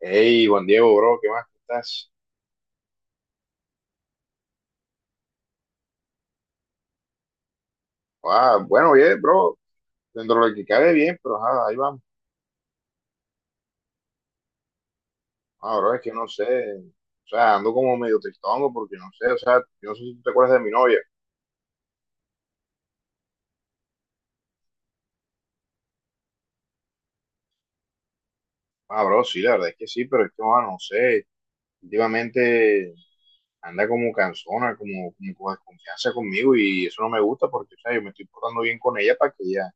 Hey, Juan Diego, bro, ¿qué más? ¿Cómo estás? Ah, bueno, bien, bro, dentro de lo que cabe bien, pero ajá, ahí vamos. Ah, bro, es que no sé, o sea, ando como medio tristongo porque no sé, o sea, yo no sé si tú te acuerdas de mi novia. Ah, bro, sí, la verdad es que sí, pero es que, ah, no sé, últimamente anda como cansona, como con desconfianza conmigo y eso no me gusta porque, o sea, yo me estoy portando bien con ella para que ella,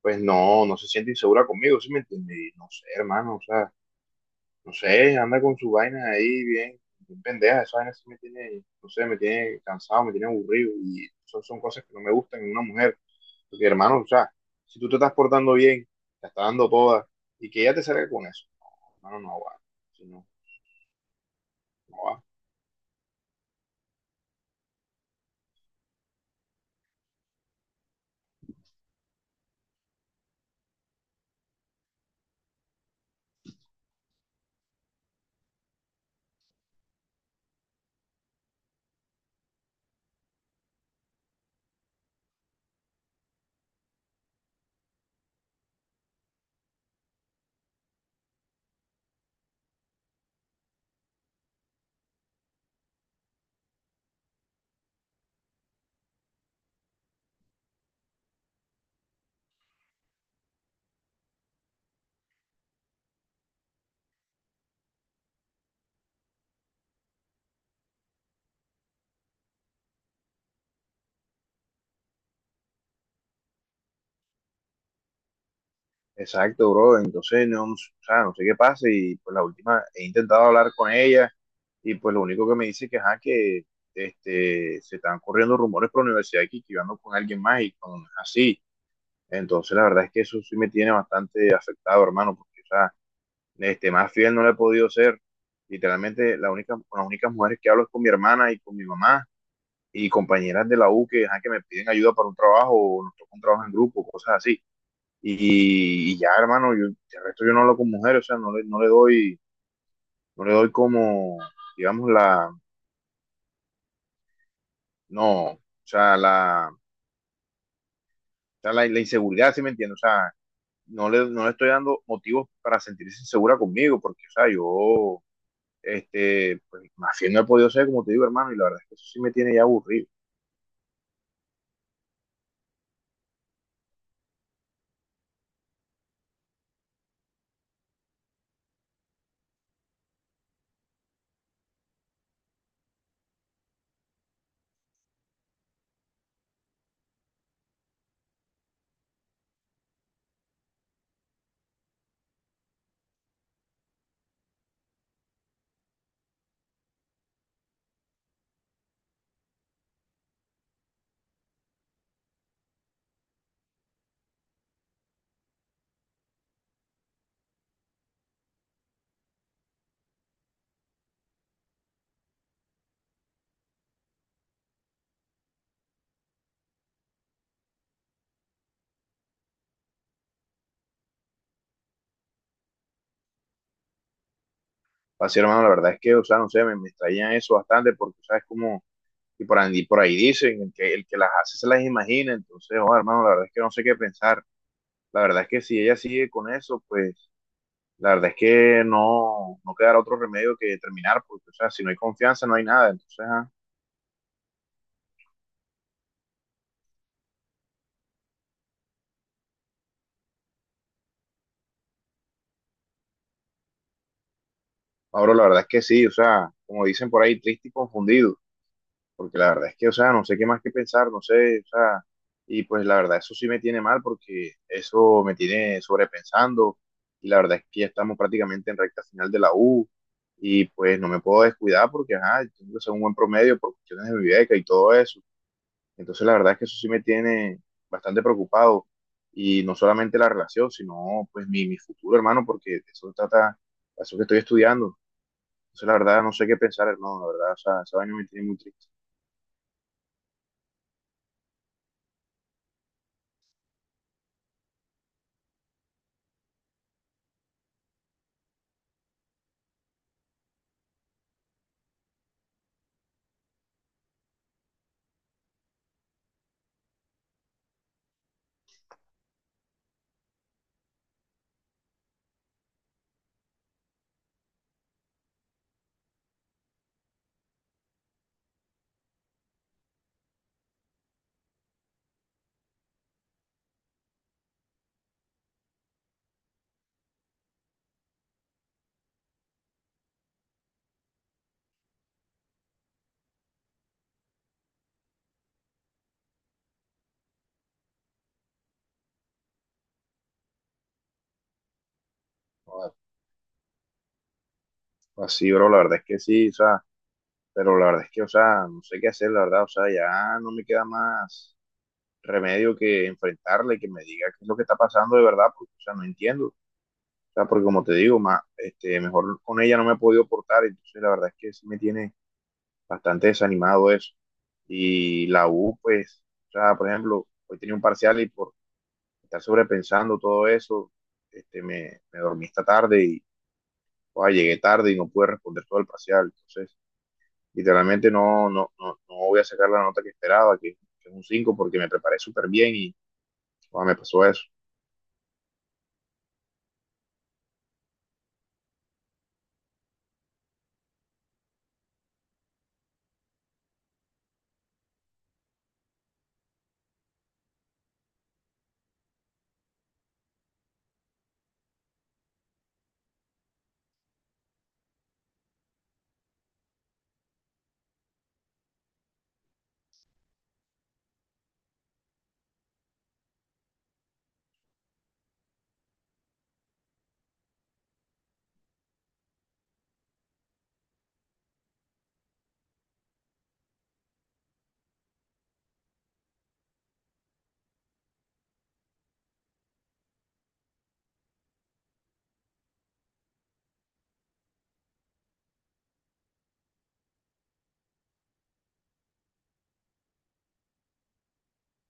pues no, no se siente insegura conmigo, ¿sí me entiendes? Y no sé, hermano, o sea. No sé, anda con su vaina ahí bien, bien pendeja. Esa vaina sí me tiene, no sé, me tiene cansado, me tiene aburrido. Y son cosas que no me gustan en una mujer. Porque, hermano, o sea, si tú te estás portando bien, te estás dando toda, y que ella te salga con eso. No, hermano, no va. Sí, no, no va. Exacto, bro. Entonces, no, o sea, no sé qué pasa. Y pues la última, he intentado hablar con ella y pues lo único que me dice que, ajá, que se están corriendo rumores por la universidad aquí, que yo ando con alguien más y cuando no es así. Entonces, la verdad es que eso sí me tiene bastante afectado, hermano, porque, o sea, más fiel no le he podido ser. Literalmente, con las únicas mujeres que hablo es con mi hermana y con mi mamá y compañeras de la U que, ajá, que me piden ayuda para un trabajo o nos toca un trabajo en grupo, cosas así. Y ya, hermano, el resto yo no hablo con mujeres, o sea, no le doy como, digamos, la, no, o sea, la, o sea, la inseguridad, ¿sí me entiendes? O sea, no le estoy dando motivos para sentirse insegura conmigo, porque, o sea, pues más fiel no he podido ser, como te digo, hermano, y la verdad es que eso sí me tiene ya aburrido. Así, hermano, la verdad es que, o sea, no sé, me extraña eso bastante porque, ¿sabes? Como, y por ahí dicen, el que las hace se las imagina, entonces, oh, hermano, la verdad es que no sé qué pensar. La verdad es que si ella sigue con eso, pues, la verdad es que no, no quedará otro remedio que terminar, porque, o sea, si no hay confianza, no hay nada. Entonces, ah, Pablo, la verdad es que sí, o sea, como dicen por ahí, triste y confundido. Porque la verdad es que, o sea, no sé qué más que pensar, no sé, o sea, y pues la verdad eso sí me tiene mal porque eso me tiene sobrepensando y la verdad es que ya estamos prácticamente en recta final de la U y pues no me puedo descuidar porque, ajá, tengo que hacer un buen promedio por cuestiones de mi beca y todo eso. Entonces la verdad es que eso sí me tiene bastante preocupado y no solamente la relación, sino pues mi futuro, hermano, porque de eso trata, de eso que estoy estudiando. Entonces la verdad no sé qué pensar, hermano, la verdad, o sea, ese año me tiene muy triste. Así, bro, la verdad es que sí, o sea, pero la verdad es que, o sea, no sé qué hacer, la verdad, o sea, ya no me queda más remedio que enfrentarle, que me diga qué es lo que está pasando de verdad, porque, o sea, no entiendo, o sea, porque como te digo, más, mejor con ella no me he podido portar, entonces la verdad es que sí me tiene bastante desanimado eso. Y la U, pues, o sea, por ejemplo, hoy tenía un parcial y por estar sobrepensando todo eso, me dormí esta tarde y, o sea, llegué tarde y no pude responder todo el parcial, entonces literalmente no, no, no, no voy a sacar la nota que esperaba, que es un 5 porque me preparé súper bien y ah, me pasó eso.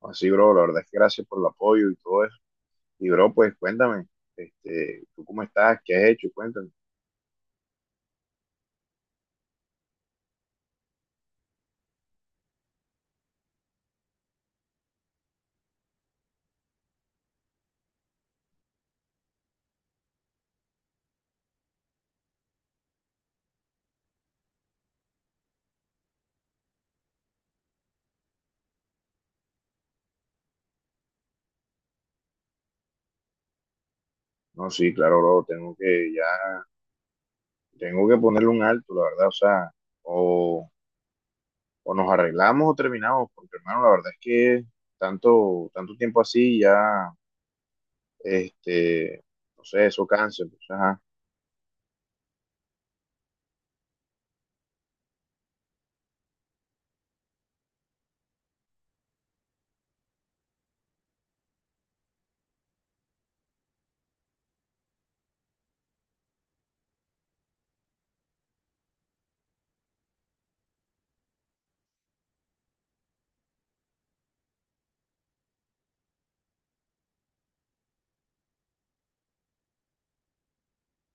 Así, bro, la verdad es que gracias por el apoyo y todo eso. Y, bro, pues cuéntame, ¿tú cómo estás? ¿Qué has hecho? Cuéntame. No, sí, claro, bro, tengo que ponerle un alto, la verdad, o sea, o, o nos arreglamos o terminamos, porque, hermano, la verdad es que tanto tiempo así ya, este, no sé, eso cansa, entonces, ajá,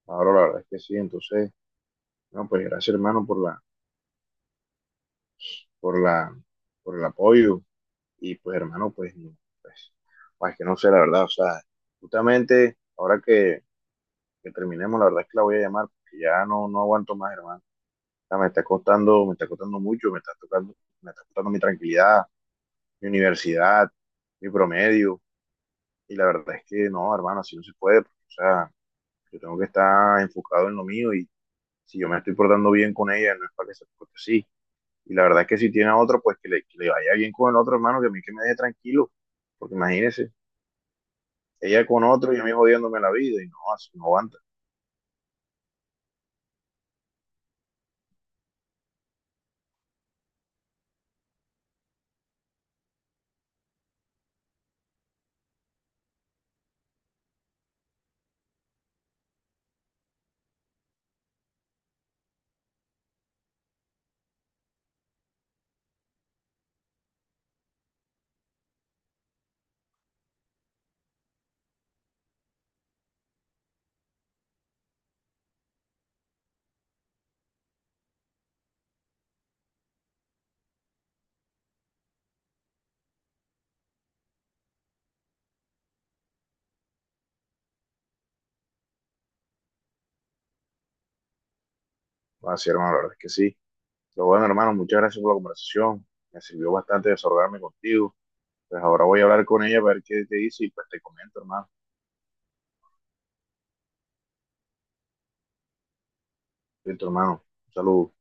ahora la verdad es que sí, entonces, no, pues gracias, hermano, por la, por el apoyo. Y pues, hermano, pues, no, pues, pues, que no sé, la verdad, o sea, justamente ahora que terminemos, la verdad es que la voy a llamar, porque ya no, no aguanto más, hermano. O sea, me está costando mucho, me está tocando, me está costando mi tranquilidad, mi universidad, mi promedio. Y la verdad es que no, hermano, así no se puede. Porque, o sea, yo tengo que estar enfocado en lo mío y si yo me estoy portando bien con ella, no es para que se porte así. Y la verdad es que si tiene a otro, pues que le vaya bien con el otro hermano, que a mí que me deje tranquilo. Porque imagínese, ella con otro y a mí jodiéndome la vida y no, así no aguanta. No, así, hermano, la verdad es que sí. Pero bueno, hermano, muchas gracias por la conversación. Me sirvió bastante desahogarme contigo. Pues ahora voy a hablar con ella, a ver qué te dice y pues te comento, hermano. Listo, hermano. Un saludo.